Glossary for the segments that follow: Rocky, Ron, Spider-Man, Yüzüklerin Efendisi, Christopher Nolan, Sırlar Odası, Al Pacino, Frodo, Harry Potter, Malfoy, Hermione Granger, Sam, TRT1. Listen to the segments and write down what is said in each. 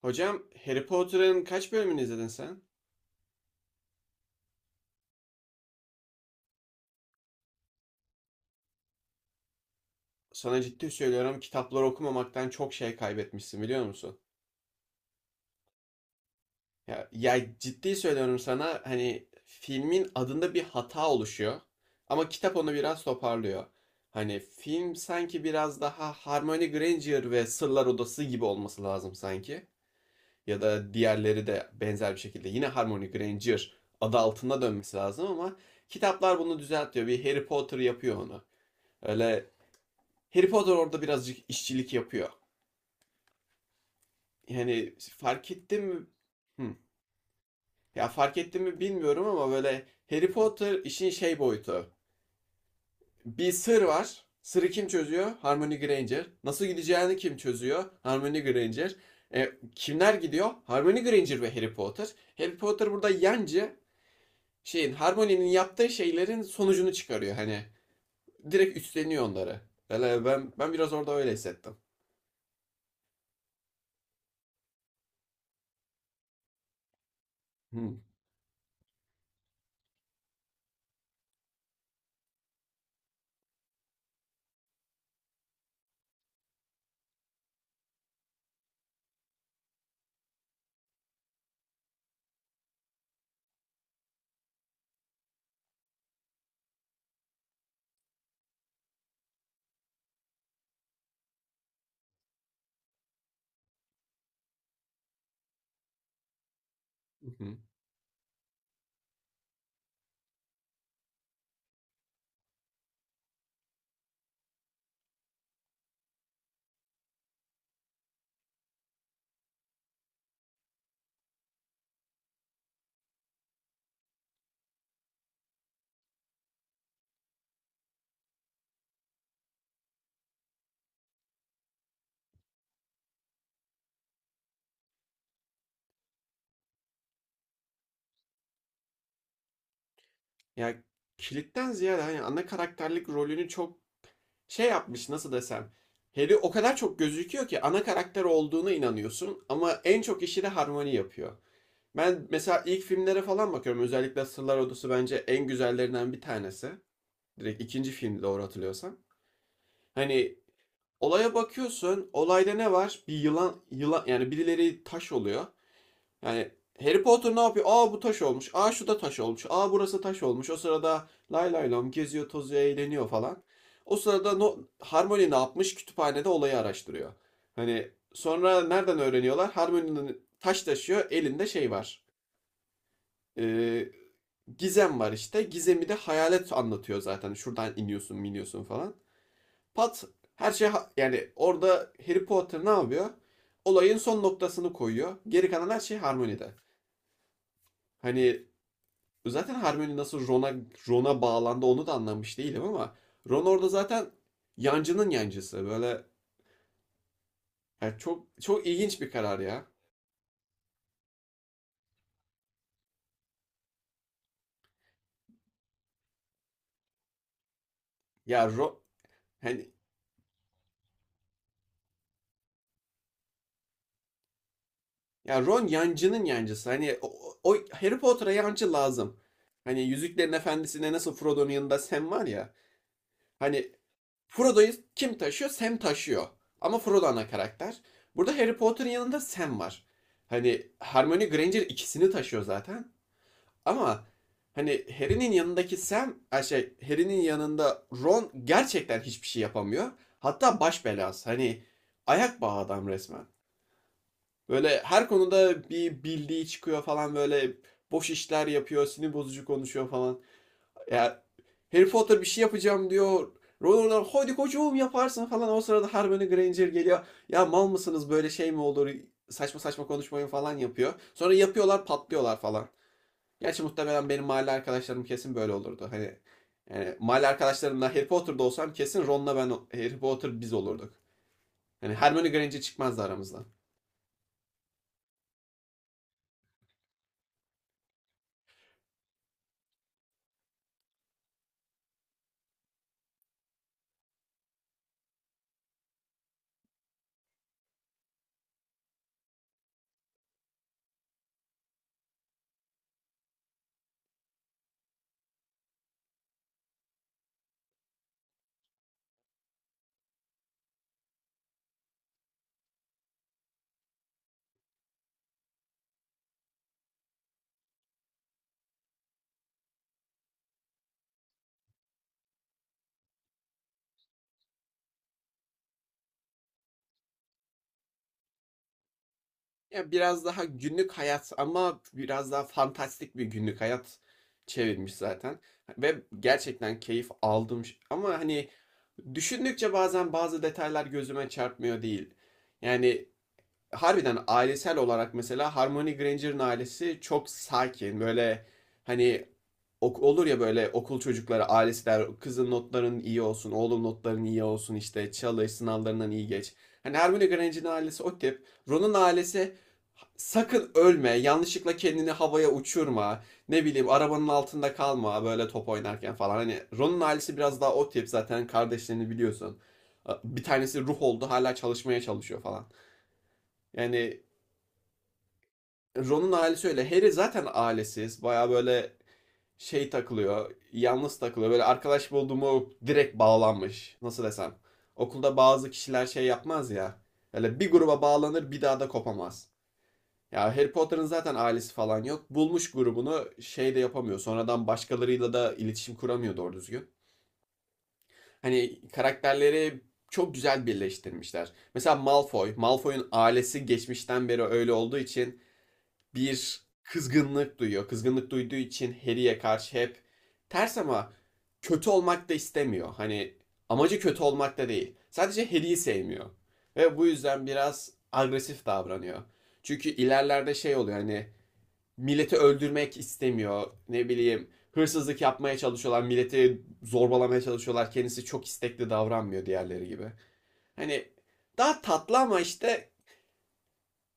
Hocam Harry Potter'ın kaç bölümünü izledin sen? Sana ciddi söylüyorum, kitapları okumamaktan çok şey kaybetmişsin, biliyor musun? Ya, ya ciddi söylüyorum sana, hani filmin adında bir hata oluşuyor ama kitap onu biraz toparlıyor. Hani film sanki biraz daha Hermione Granger ve Sırlar Odası gibi olması lazım sanki. Ya da diğerleri de benzer bir şekilde yine Hermione Granger adı altında dönmesi lazım ama kitaplar bunu düzeltiyor. Bir Harry Potter yapıyor onu. Öyle, Harry Potter orada birazcık işçilik yapıyor. Yani fark ettim mi? Hı. Ya fark ettim mi bilmiyorum ama böyle Harry Potter işin şey boyutu. Bir sır var. Sırrı kim çözüyor? Hermione Granger. Nasıl gideceğini kim çözüyor? Hermione Granger. Kimler gidiyor? Hermione Granger ve Harry Potter. Harry Potter burada yancı, şeyin, Hermione'nin yaptığı şeylerin sonucunu çıkarıyor hani. Direkt üstleniyor onları. Ben biraz orada öyle hissettim. Hı. Ya, kilitten ziyade hani ana karakterlik rolünü çok şey yapmış, nasıl desem. Harry o kadar çok gözüküyor ki ana karakter olduğuna inanıyorsun ama en çok işi de Harmony yapıyor. Ben mesela ilk filmlere falan bakıyorum. Özellikle Sırlar Odası bence en güzellerinden bir tanesi. Direkt ikinci filmdi doğru hatırlıyorsam. Hani olaya bakıyorsun. Olayda ne var? Bir yılan, yılan, yani birileri taş oluyor. Yani Harry Potter ne yapıyor? Aa bu taş olmuş. Aa şu da taş olmuş. Aa burası taş olmuş. O sırada lay lay lom geziyor, tozuyor, eğleniyor falan. O sırada no, Harmony ne yapmış? Kütüphanede olayı araştırıyor. Hani sonra nereden öğreniyorlar? Harmony'nin taş taşıyor. Elinde şey var. Ee, gizem var işte. Gizemi de hayalet anlatıyor zaten. Şuradan iniyorsun, miniyorsun falan. Pat, her şey, yani orada Harry Potter ne yapıyor? Olayın son noktasını koyuyor. Geri kalan her şey Harmony'de. Hani zaten Hermione nasıl Ron'a bağlandı onu da anlamış değilim ama Ron orada zaten yancının yancısı. Böyle, yani çok çok ilginç bir karar ya. Ya Ron, hani ya Ron yancının yancısı. Hani o, o Harry Potter'a yancı lazım. Hani Yüzüklerin efendisine nasıl Frodo'nun yanında Sam var ya. Hani Frodo'yu kim taşıyor? Sam taşıyor. Ama Frodo ana karakter. Burada Harry Potter'ın yanında Sam var. Hani Hermione Granger ikisini taşıyor zaten. Ama hani Harry'nin yanındaki Sam, şey, Harry'nin yanında Ron gerçekten hiçbir şey yapamıyor. Hatta baş belası. Hani ayak bağı adam resmen. Böyle her konuda bir bildiği çıkıyor falan, böyle boş işler yapıyor, sinir bozucu konuşuyor falan. Ya Harry Potter bir şey yapacağım diyor. Ron ona hadi kocuğum yaparsın falan. O sırada Hermione Granger geliyor. Ya mal mısınız, böyle şey mi olur? Saçma saçma konuşmayın falan yapıyor. Sonra yapıyorlar, patlıyorlar falan. Gerçi muhtemelen benim mahalle arkadaşlarım kesin böyle olurdu. Hani yani mahalle arkadaşlarımla Harry Potter'da olsam kesin Ron'la ben Harry Potter biz olurduk. Hani Hermione Granger çıkmazdı aramızdan. Ya biraz daha günlük hayat ama biraz daha fantastik bir günlük hayat çevirmiş zaten. Ve gerçekten keyif aldım. Ama hani düşündükçe bazen bazı detaylar gözüme çarpmıyor değil. Yani harbiden ailesel olarak mesela Hermione Granger'ın ailesi çok sakin. Böyle hani olur ya böyle okul çocukları, ailesi der kızın notların iyi olsun, oğlum notların iyi olsun işte çalış, sınavlarından iyi geç. Hani Hermione Granger'in ailesi o tip. Ron'un ailesi sakın ölme, yanlışlıkla kendini havaya uçurma, ne bileyim arabanın altında kalma böyle top oynarken falan. Hani Ron'un ailesi biraz daha o tip, zaten kardeşlerini biliyorsun. Bir tanesi ruh oldu, hala çalışmaya çalışıyor falan. Yani Ron'un ailesi öyle. Harry zaten ailesiz. Baya böyle şey takılıyor, yalnız takılıyor. Böyle arkadaş bulduğumu direkt bağlanmış. Nasıl desem? Okulda bazı kişiler şey yapmaz ya. Böyle bir gruba bağlanır, bir daha da kopamaz. Ya Harry Potter'ın zaten ailesi falan yok. Bulmuş grubunu, şey de yapamıyor. Sonradan başkalarıyla da iletişim kuramıyor doğru düzgün. Hani karakterleri çok güzel birleştirmişler. Mesela Malfoy, Malfoy'un ailesi geçmişten beri öyle olduğu için bir kızgınlık duyuyor. Kızgınlık duyduğu için Harry'e karşı hep ters ama kötü olmak da istemiyor. Hani amacı kötü olmak da değil. Sadece Harry'i sevmiyor. Ve bu yüzden biraz agresif davranıyor. Çünkü ilerlerde şey oluyor, hani milleti öldürmek istemiyor. Ne bileyim hırsızlık yapmaya çalışıyorlar. Milleti zorbalamaya çalışıyorlar. Kendisi çok istekli davranmıyor diğerleri gibi. Hani daha tatlı ama işte,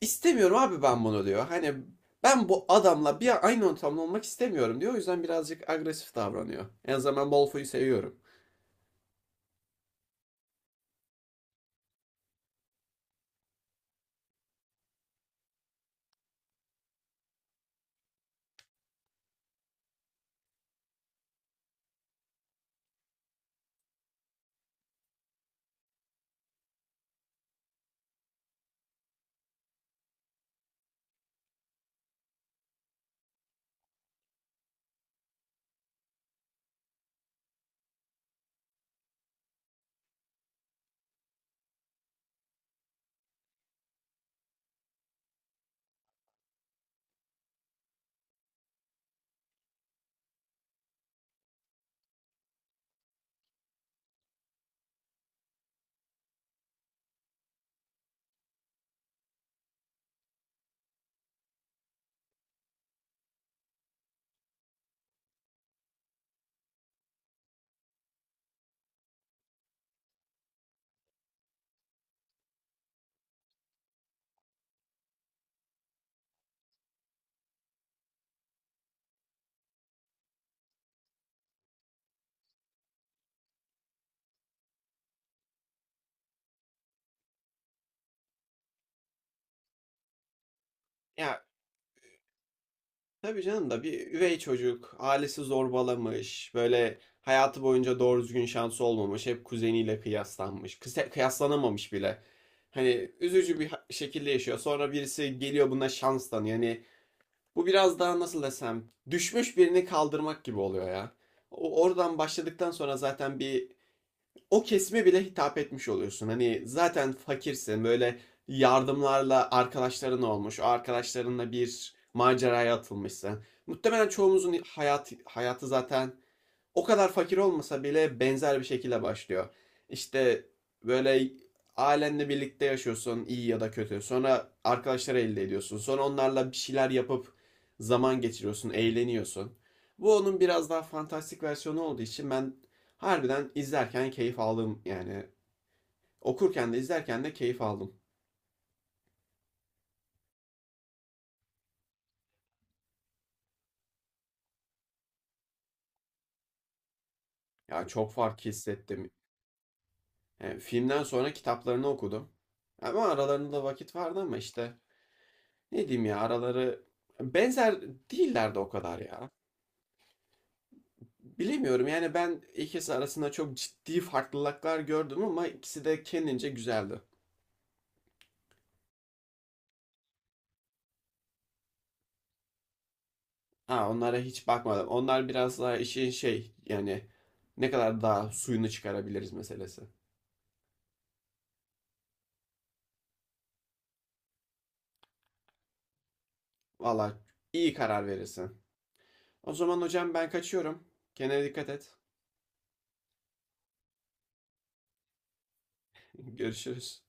İstemiyorum abi ben bunu diyor. Hani ben bu adamla bir aynı ortamda olmak istemiyorum diyor. O yüzden birazcık agresif davranıyor. En azından ben Malfoy'u seviyorum. Ya tabii canım da bir üvey çocuk, ailesi zorbalamış, böyle hayatı boyunca doğru düzgün şansı olmamış, hep kuzeniyle kıyaslanmış, kıyaslanamamış bile. Hani üzücü bir şekilde yaşıyor. Sonra birisi geliyor buna şans tanıyor. Yani bu biraz daha nasıl desem düşmüş birini kaldırmak gibi oluyor ya. Oradan başladıktan sonra zaten bir o kesime bile hitap etmiş oluyorsun. Hani zaten fakirsin, böyle yardımlarla arkadaşların olmuş. O arkadaşlarınla bir maceraya atılmışsın. Muhtemelen çoğumuzun hayat, hayatı zaten o kadar fakir olmasa bile benzer bir şekilde başlıyor. İşte böyle ailenle birlikte yaşıyorsun iyi ya da kötü. Sonra arkadaşları elde ediyorsun. Sonra onlarla bir şeyler yapıp zaman geçiriyorsun, eğleniyorsun. Bu onun biraz daha fantastik versiyonu olduğu için ben harbiden izlerken keyif aldım. Yani okurken de izlerken de keyif aldım. Ya çok fark hissettim. Yani filmden sonra kitaplarını okudum. Ama aralarında da vakit vardı ama işte, ne diyeyim ya, araları benzer değiller de o kadar ya. Bilemiyorum yani, ben ikisi arasında çok ciddi farklılıklar gördüm ama ikisi de kendince güzeldi. Ha onlara hiç bakmadım. Onlar biraz daha işin şey, yani ne kadar daha suyunu çıkarabiliriz meselesi. Valla iyi karar verirsin. O zaman hocam ben kaçıyorum. Kendine dikkat et. Görüşürüz.